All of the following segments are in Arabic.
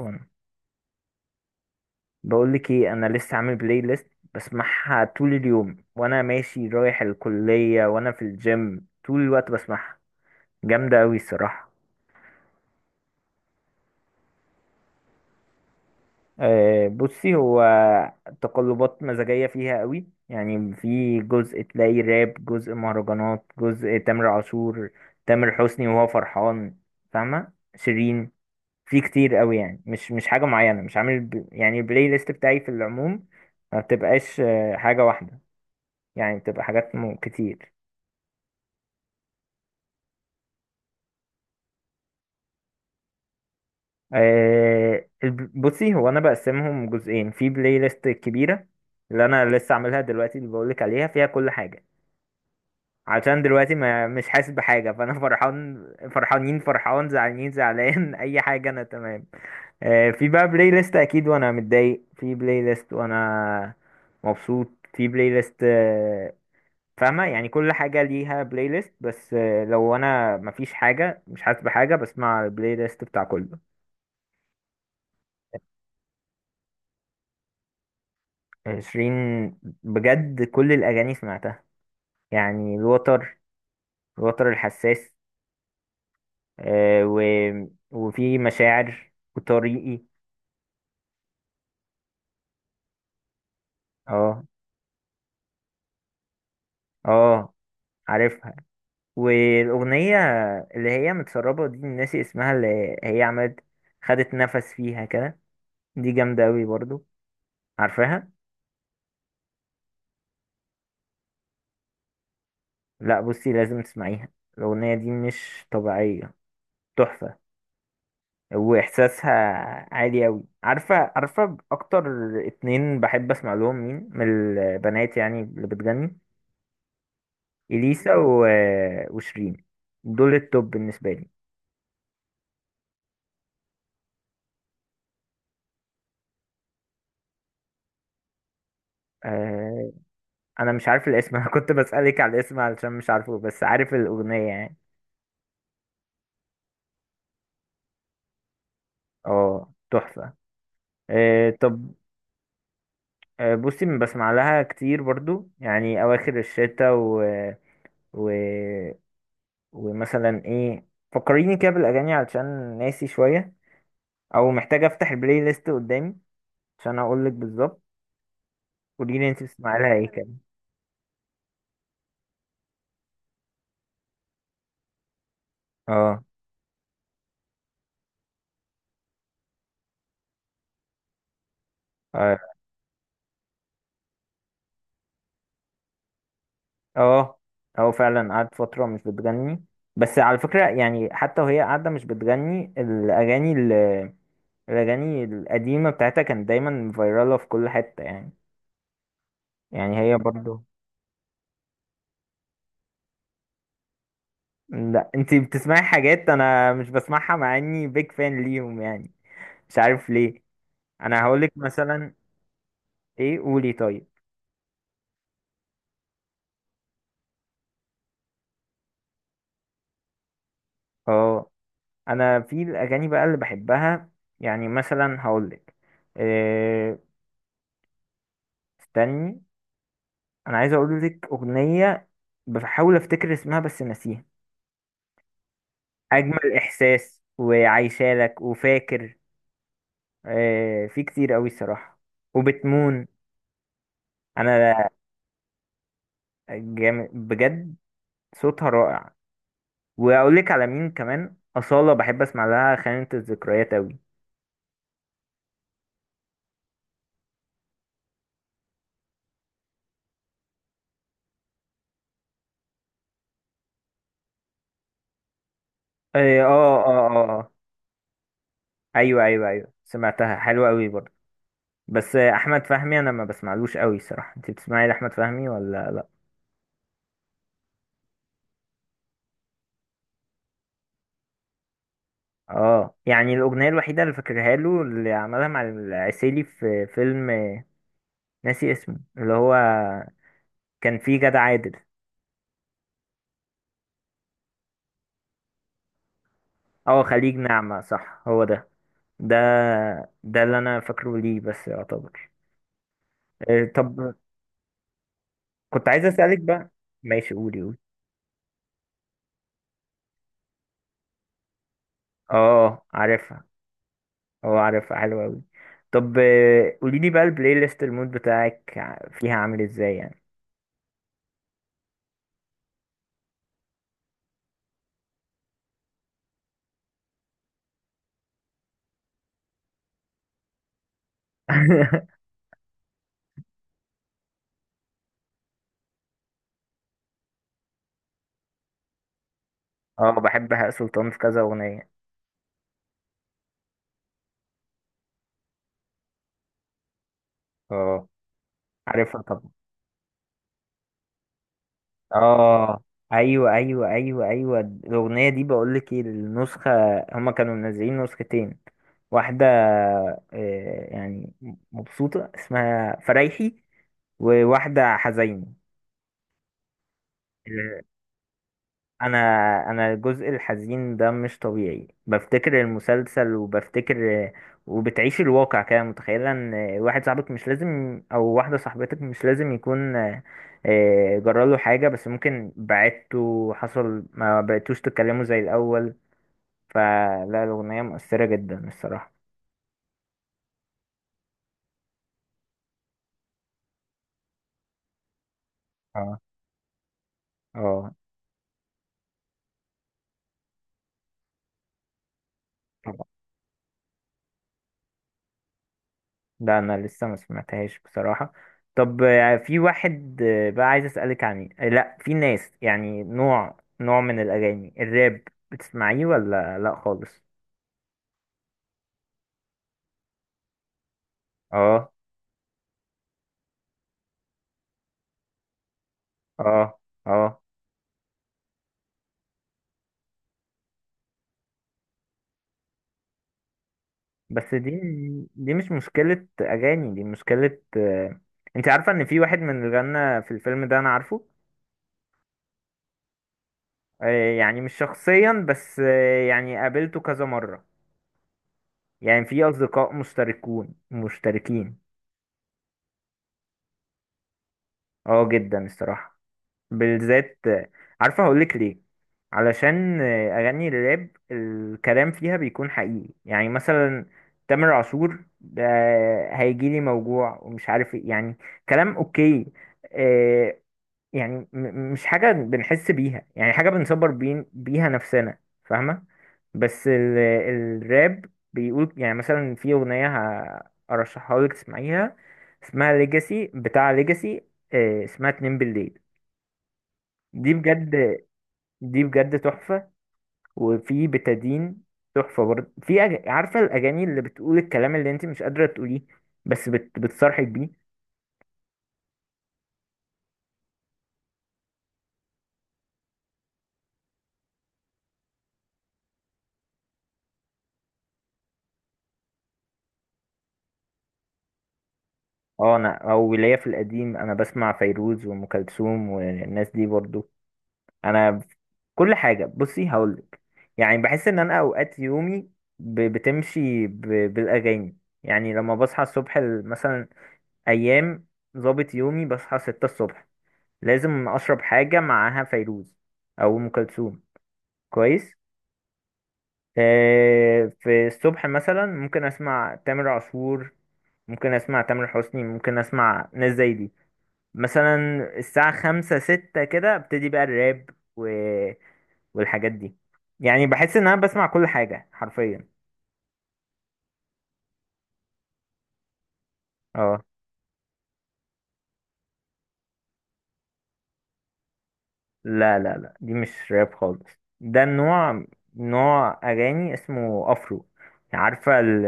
أم. بقول لك ايه، انا لسه عامل بلاي ليست بسمعها طول اليوم وانا ماشي رايح الكلية وانا في الجيم طول الوقت بسمعها. جامدة قوي الصراحة. بصي، هو تقلبات مزاجية فيها قوي، يعني في جزء تلاقي راب، جزء مهرجانات، جزء تامر عاشور، تامر حسني وهو فرحان، فاهمة؟ شيرين في كتير قوي، يعني مش حاجة معينة، مش يعني البلاي ليست بتاعي في العموم ما بتبقاش حاجة واحدة. يعني بتبقى حاجات كتير. بصي، هو انا بقسمهم جزئين، في بلاي ليست كبيره اللي انا لسه عاملها دلوقتي اللي بقولك عليها فيها كل حاجه، عشان دلوقتي ما مش حاسس بحاجه، فانا فرحان فرحانين، فرحان زعلانين زعلان، اي حاجه انا تمام. في بقى بلاي ليست اكيد وانا متضايق، في بلاي ليست وانا مبسوط، في بلاي ليست فاهمه؟ يعني كل حاجه ليها بلاي ليست، بس لو انا مفيش حاجه، مش حاسس بحاجه، بسمع البلاي ليست بتاع كله. شيرين، بجد كل الأغاني سمعتها، يعني الوتر الحساس، آه و... وفي مشاعر وطريقي. اه، اه، عارفها. والأغنية اللي هي متسربة دي ناسي اسمها، اللي هي عملت، خدت نفس فيها كده، دي جامدة أوي برضو. عارفاها؟ لأ، بصي لازم تسمعيها. الأغنية دي مش طبيعية، تحفة، واحساسها عالي اوي. عارفه؟ عارفه اكتر 2 بحب اسمع لهم، مين من البنات يعني اللي بتغني؟ اليسا وشيرين، دول التوب بالنسبه لي. أه... انا مش عارف الاسم. انا كنت بسالك على الاسم علشان مش عارفه، بس عارف الاغنيه يعني. اه تحفه. طب. بصي، بسمع لها كتير برضو، يعني اواخر الشتاء و... ومثلا ايه؟ فكريني كده بالاغاني علشان ناسي شويه، او محتاج افتح البلاي ليست قدامي عشان اقول لك بالظبط. قولي لي انت بتسمعي لها ايه كده؟ اه، اه، اه. هو فعلا قعدت فتره مش بتغني، بس على فكره يعني حتى وهي قاعده مش بتغني، الاغاني الاغاني القديمه بتاعتها كانت دايما فايراله في كل حته يعني، يعني هي برضو. لا انت بتسمعي حاجات انا مش بسمعها، مع اني بيج فان ليهم يعني، مش عارف ليه. انا هقول لك مثلا ايه، قولي طيب. اه، انا في الاغاني بقى اللي بحبها، يعني مثلا هقولك إيه، استني، انا عايز اقولك اغنيه، بحاول افتكر اسمها بس ناسيها. اجمل احساس، وعايشالك، وفاكر إيه، في كتير قوي الصراحه، وبتمون. انا جامد بجد، صوتها رائع. واقولك على مين كمان؟ اصاله، بحب اسمع لها خانه الذكريات قوي. إيه، اه اه اه آه. ايوه ايوه ايوه، سمعتها حلوه قوي برضه. بس احمد فهمي انا ما بسمعلوش قوي صراحه، انت بتسمعي لاحمد فهمي ولا لا؟ اه، يعني الاغنيه الوحيده اللي فاكرها له اللي عملها مع العسيلي في فيلم ناسي اسمه، اللي هو كان فيه جدع عادل. اه خليج نعمه، صح هو ده، ده ده اللي انا فاكره ليه بس، يعتبر. طب، كنت عايز اسالك بقى. ماشي قولي، قولي. اه عارفها، اه عارفها حلوه قوي. طب قولي لي بقى، البلاي ليست المود بتاعك فيها عامل ازاي يعني؟ اه، بحب بهاء سلطان في كذا اغنيه. اه عارفها طبعا، اه، ايوه ايوه ايوه ايوه، الاغنيه دي بقول لك ايه، النسخه، هما كانوا منزلين نسختين، واحده يعني مبسوطه اسمها فرايحي، وواحده حزيني. انا انا الجزء الحزين ده مش طبيعي، بفتكر المسلسل وبفتكر، وبتعيش الواقع كده، متخيله ان واحد صاحبك مش لازم، او واحده صاحبتك مش لازم يكون جراله حاجه، بس ممكن بعدتوا، حصل ما بقيتوش تتكلموا زي الاول، فلا الاغنيه مؤثره جدا الصراحه. اه، اه. طب لا انا لسه ما سمعتهاش بصراحة. طب في واحد بقى عايز اسألك عن آه، لا في ناس يعني، نوع من الاغاني الراب، بتسمعيه ولا لا خالص؟ اه، اه، اه. بس دي مش مشكلة اغاني، دي مشكلة انت عارفة ان في واحد من اللي غنى في الفيلم ده انا عارفه؟ يعني مش شخصيا، بس يعني قابلته كذا مرة، يعني في اصدقاء مشتركين. اه جدا الصراحة، بالذات. عارفة هقولك ليه؟ علشان أغاني الراب الكلام فيها بيكون حقيقي، يعني مثلا تامر عاشور ده، هيجيلي موجوع ومش عارف ايه يعني، كلام اوكي، آه، يعني مش حاجة بنحس بيها، يعني حاجة بنصبر بين بيها نفسنا، فاهمة؟ بس الراب بيقول، يعني مثلا في أغنية أرشحها لك تسمعيها، اسمها ليجاسي، بتاع ليجاسي، اسمها 2 بالليل، دي بجد دي بجد تحفة. وفي بتادين، تحفة برضه. في عارفة الأغاني اللي بتقول الكلام اللي انت مش قادرة تقوليه، بس بتصرحك بيه. اه، انا او ليا في القديم، انا بسمع فيروز وام كلثوم والناس دي برضه. انا كل حاجة. بصي هقولك، يعني بحس ان انا اوقات يومي بتمشي بالاغاني. يعني لما بصحى الصبح، مثلا ايام ظابط يومي بصحى 6 الصبح، لازم اشرب حاجه معاها فيروز او ام كلثوم، كويس. في الصبح مثلا ممكن اسمع تامر عاشور، ممكن اسمع تامر حسني، ممكن اسمع ناس زي دي مثلا. الساعه 5 6 كده، ابتدي بقى الراب و... والحاجات دي، يعني بحس ان انا بسمع كل حاجه حرفيا. اه. لا لا لا، دي مش راب خالص، ده النوع، نوع اغاني اسمه افرو، عارفه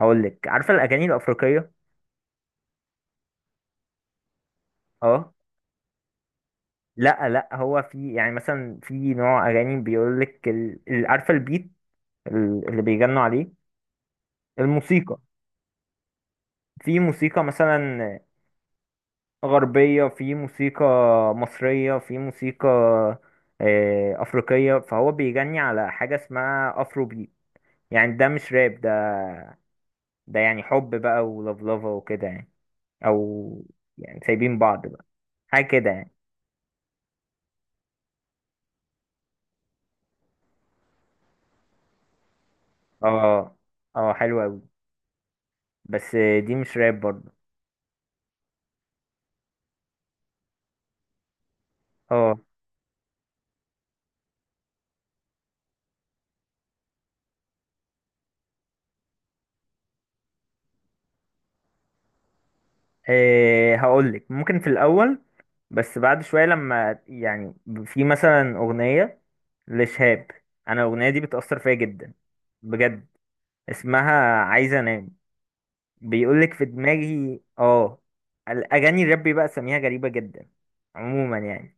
هقول لك، عارفه الاغاني الافريقيه؟ اه. لا لا، هو في يعني مثلا في نوع اغاني بيقول لك عارفه البيت اللي بيغنوا عليه، الموسيقى. في موسيقى مثلا غربيه، في موسيقى مصريه، في موسيقى افريقيه، فهو بيغني على حاجه اسمها افرو بيت، يعني ده مش راب، ده يعني حب بقى ولفلفه وكده يعني، او يعني سايبين بعض بقى، حاجه كده يعني. اه، اه حلوه قوي، بس دي مش راب برضه. اه، إيه هقول لك، ممكن في الاول بس بعد شويه لما يعني، في مثلا اغنيه لشهاب، انا الاغنيه دي بتاثر فيا جدا، بجد، اسمها عايزه انام، بيقول لك في دماغي، اه الاغاني الراب بقى سميها غريبه جدا عموما يعني،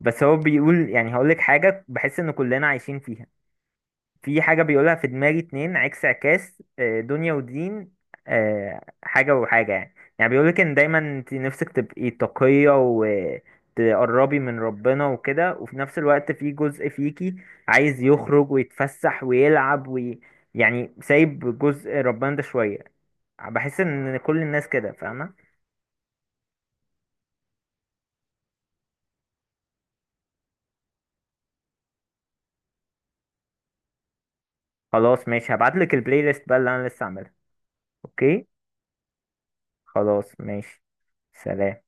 بس هو بيقول يعني، هقول لك حاجه بحس ان كلنا عايشين فيها، في حاجة بيقولها، في دماغي 2 عكس، عكاس، دنيا ودين، حاجة وحاجة يعني، يعني بيقولك إن دايما انت نفسك تبقي تقية وتقربي من ربنا وكده، وفي نفس الوقت في جزء فيكي عايز يخرج ويتفسح ويلعب يعني سايب جزء ربنا ده شوية، بحس إن كل الناس كده، فاهمة؟ خلاص ماشي، هبعتلك البلاي ليست بقى اللي أنا لسه عاملها. أوكي. خلاص ماشي، سلام.